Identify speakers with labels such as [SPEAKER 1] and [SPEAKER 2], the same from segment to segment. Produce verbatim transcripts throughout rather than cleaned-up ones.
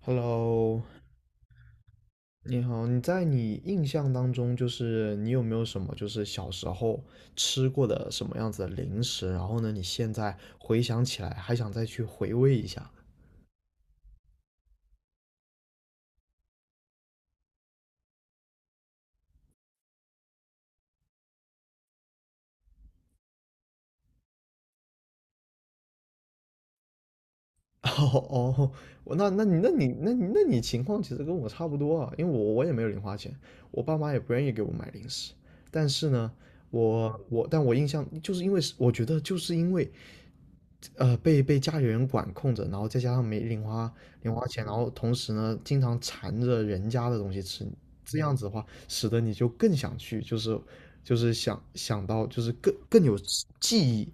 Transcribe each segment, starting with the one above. [SPEAKER 1] Hello，你好，你在你印象当中，就是你有没有什么就是小时候吃过的什么样子的零食？然后呢，你现在回想起来还想再去回味一下。哦哦，我那那你那你那你那你情况其实跟我差不多啊，因为我我也没有零花钱，我爸妈也不愿意给我买零食。但是呢，我我但我印象就是因为是我觉得就是因为呃，被被家里人管控着，然后再加上没零花零花钱，然后同时呢，经常馋着人家的东西吃，这样子的话，使得你就更想去，就是就是想想到，就是更更有记记忆，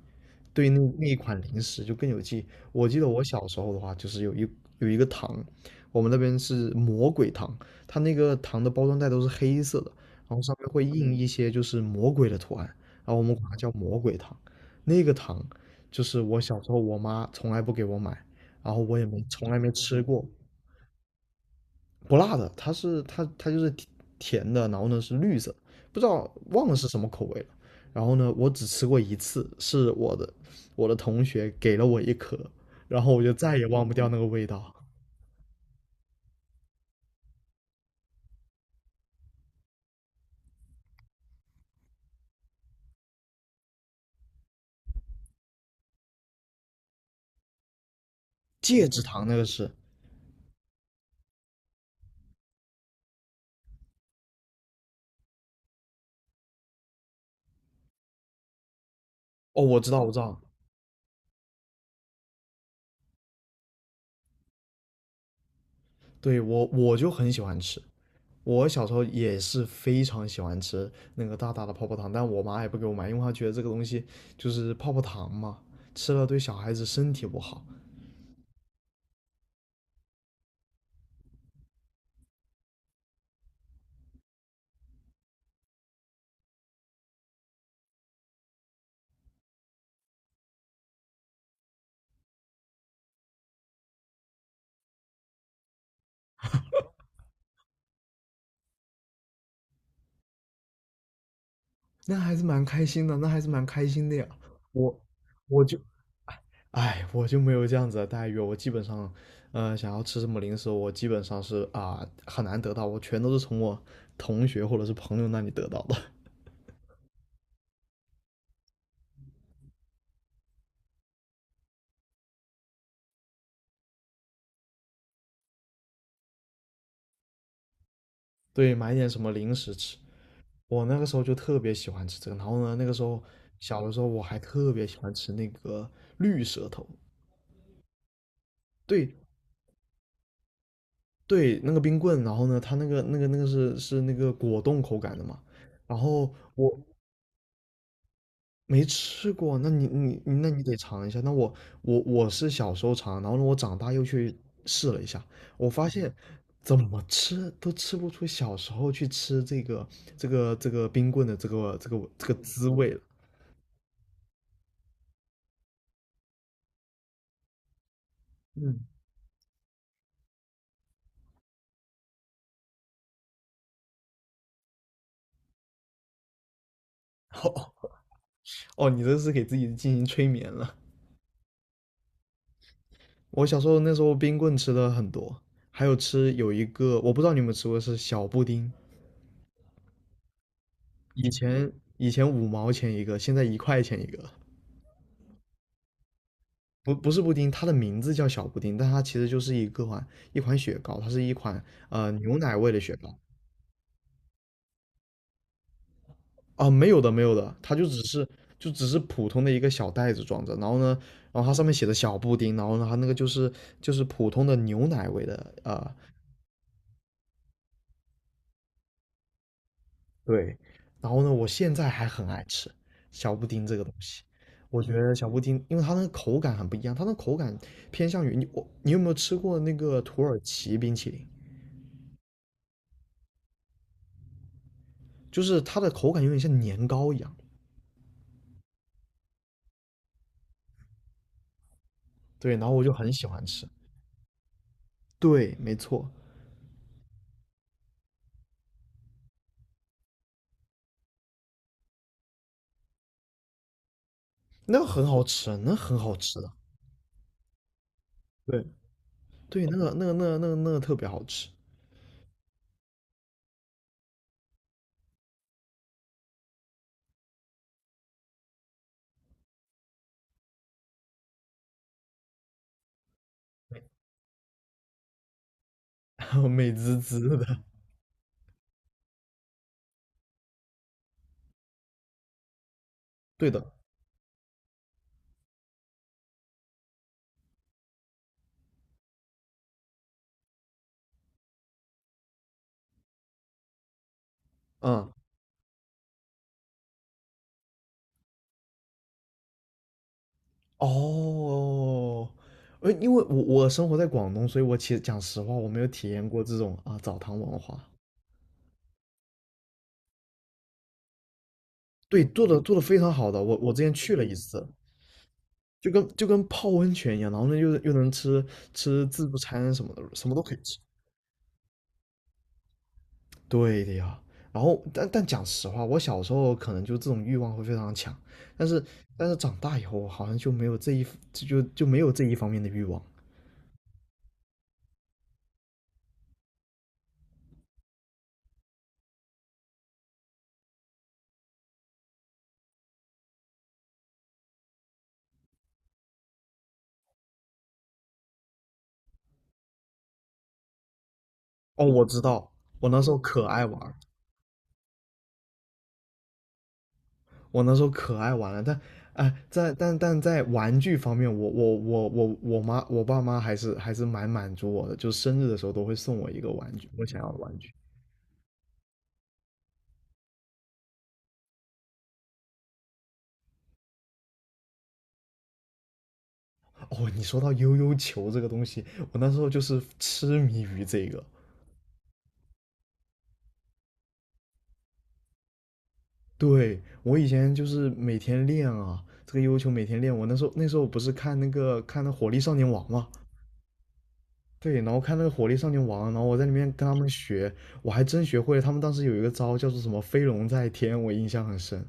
[SPEAKER 1] 对那那一款零食就更有记忆。我记得我小时候的话，就是有一有一个糖，我们那边是魔鬼糖，它那个糖的包装袋都是黑色的，然后上面会印一些就是魔鬼的图案，然后我们管它叫魔鬼糖。那个糖就是我小时候我妈从来不给我买，然后我也没从来没吃过，不辣的，它是它它就是甜甜的，然后呢是绿色，不知道忘了是什么口味了。然后呢，我只吃过一次，是我的我的同学给了我一颗，然后我就再也忘不掉那个味道。戒指糖那个是，哦，我知道我知道，对我我就很喜欢吃，我小时候也是非常喜欢吃那个大大的泡泡糖，但我妈也不给我买，因为她觉得这个东西就是泡泡糖嘛，吃了对小孩子身体不好。那还是蛮开心的，那还是蛮开心的呀。我我就，哎，我就没有这样子的待遇，我基本上，呃，想要吃什么零食，我基本上是啊、很难得到，我全都是从我同学或者是朋友那里得到的。对，买点什么零食吃。我那个时候就特别喜欢吃这个，然后呢，那个时候小的时候我还特别喜欢吃那个绿舌头，对，对，那个冰棍，然后呢，它那个那个那个是是那个果冻口感的嘛，然后我没吃过，那你你那你得尝一下，那我我我是小时候尝，然后呢，我长大又去试了一下，我发现怎么吃都吃不出小时候去吃这个这个这个冰棍的这个这个这个滋味了，嗯哦，你这是给自己进行催眠了。我小时候那时候冰棍吃的很多，还有吃有一个我不知道你们吃过是小布丁，以前以前五毛钱一个，现在一块钱一个。不不是布丁，它的名字叫小布丁，但它其实就是一个款一款雪糕，它是一款呃牛奶味的雪糕。啊，没有的，没有的，它就只是就只是普通的一个小袋子装着，然后呢，然后它上面写的小布丁，然后呢，它那个就是就是普通的牛奶味的呃对，然后呢，我现在还很爱吃小布丁这个东西。我觉得小布丁，因为它那个口感很不一样，它那口感偏向于你我，你有没有吃过那个土耳其冰淇淋？就是它的口感有点像年糕一样。对，然后我就很喜欢吃。对，没错，那个很好吃啊，那很好吃的。对对，那个那个那个那个那个特别好吃，美滋滋的。对的，嗯，哦，呃，因为我我生活在广东，所以我其实讲实话，我没有体验过这种啊澡堂文化。对，做的做的非常好的，我我之前去了一次，就跟就跟泡温泉一样，然后呢又又能吃吃自助餐什么的，什么都可以吃。对的呀。然后，但但讲实话，我小时候可能就这种欲望会非常强，但是但是长大以后，我好像就没有这一就就没有这一方面的欲望。哦，我知道，我那时候可爱玩儿我那时候可爱玩了，但啊、呃在但但在玩具方面，我我我我我妈我爸妈还是还是蛮满足我的，就是生日的时候都会送我一个玩具，我想要的玩具。哦，你说到悠悠球这个东西，我那时候就是痴迷于这个。对，我以前就是每天练啊，这个悠悠球每天练。我那时候那时候不是看那个看那火力少年王嘛，对，然后看那个火力少年王啊，然后我在里面跟他们学，我还真学会了。他们当时有一个招叫做什么飞龙在天，我印象很深。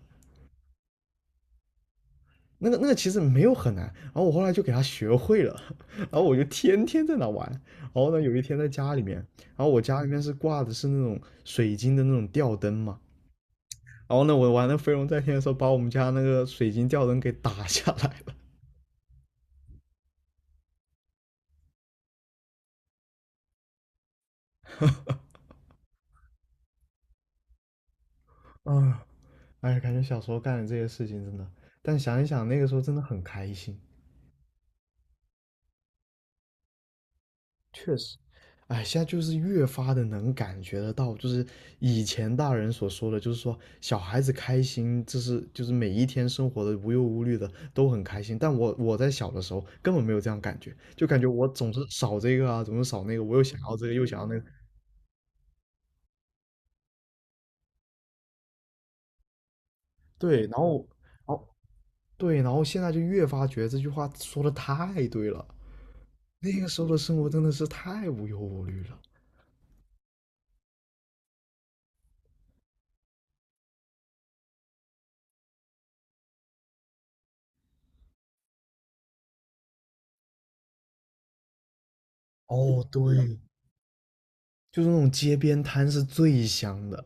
[SPEAKER 1] 那个那个其实没有很难，然后我后来就给他学会了，然后我就天天在那玩。然后呢，有一天在家里面，然后我家里面是挂的是那种水晶的那种吊灯嘛，然后呢，我玩那飞龙在天的时候，把我们家那个水晶吊灯给打下来了。啊，哎，感觉小时候干的这些事情真的，但想一想那个时候真的很开心。确实，哎，现在就是越发的能感觉得到，就是以前大人所说的，就是说小孩子开心，这是就是每一天生活的无忧无虑的都很开心。但我我在小的时候根本没有这样感觉，就感觉我总是少这个啊，总是少那个，我又想要这个又想要那个，对，然后哦对，然后现在就越发觉得这句话说的太对了，那个时候的生活真的是太无忧无虑了。哦，对，就是那种街边摊是最香的。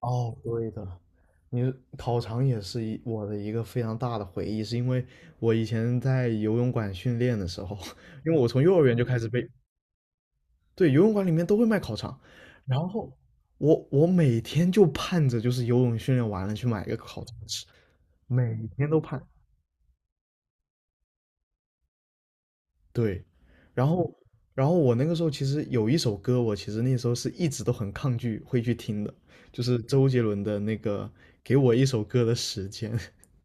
[SPEAKER 1] 哦，对的，你烤肠也是一我的一个非常大的回忆，是因为我以前在游泳馆训练的时候，因为我从幼儿园就开始被，对，游泳馆里面都会卖烤肠，然后我我每天就盼着就是游泳训练完了去买一个烤肠吃，每天都盼。对，然后，然后我那个时候其实有一首歌，我其实那时候是一直都很抗拒会去听的，就是周杰伦的那个《给我一首歌的时间》。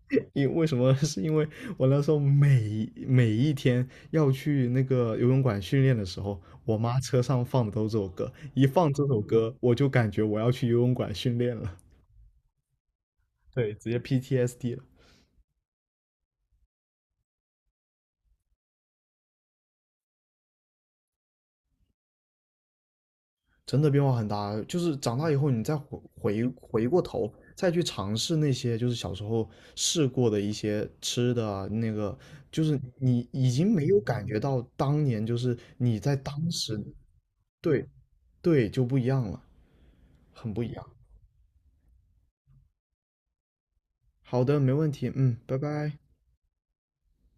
[SPEAKER 1] 因为什么？是因为我那时候每每一天要去那个游泳馆训练的时候，我妈车上放的都是这首歌，一放这首歌，我就感觉我要去游泳馆训练了，对，直接 P T S D 了。真的变化很大，就是长大以后，你再回回回过头，再去尝试那些就是小时候试过的一些吃的啊那个就是你已经没有感觉到当年就是你在当时，对对，就不一样了，很不一样。好的，没问题，嗯，拜拜。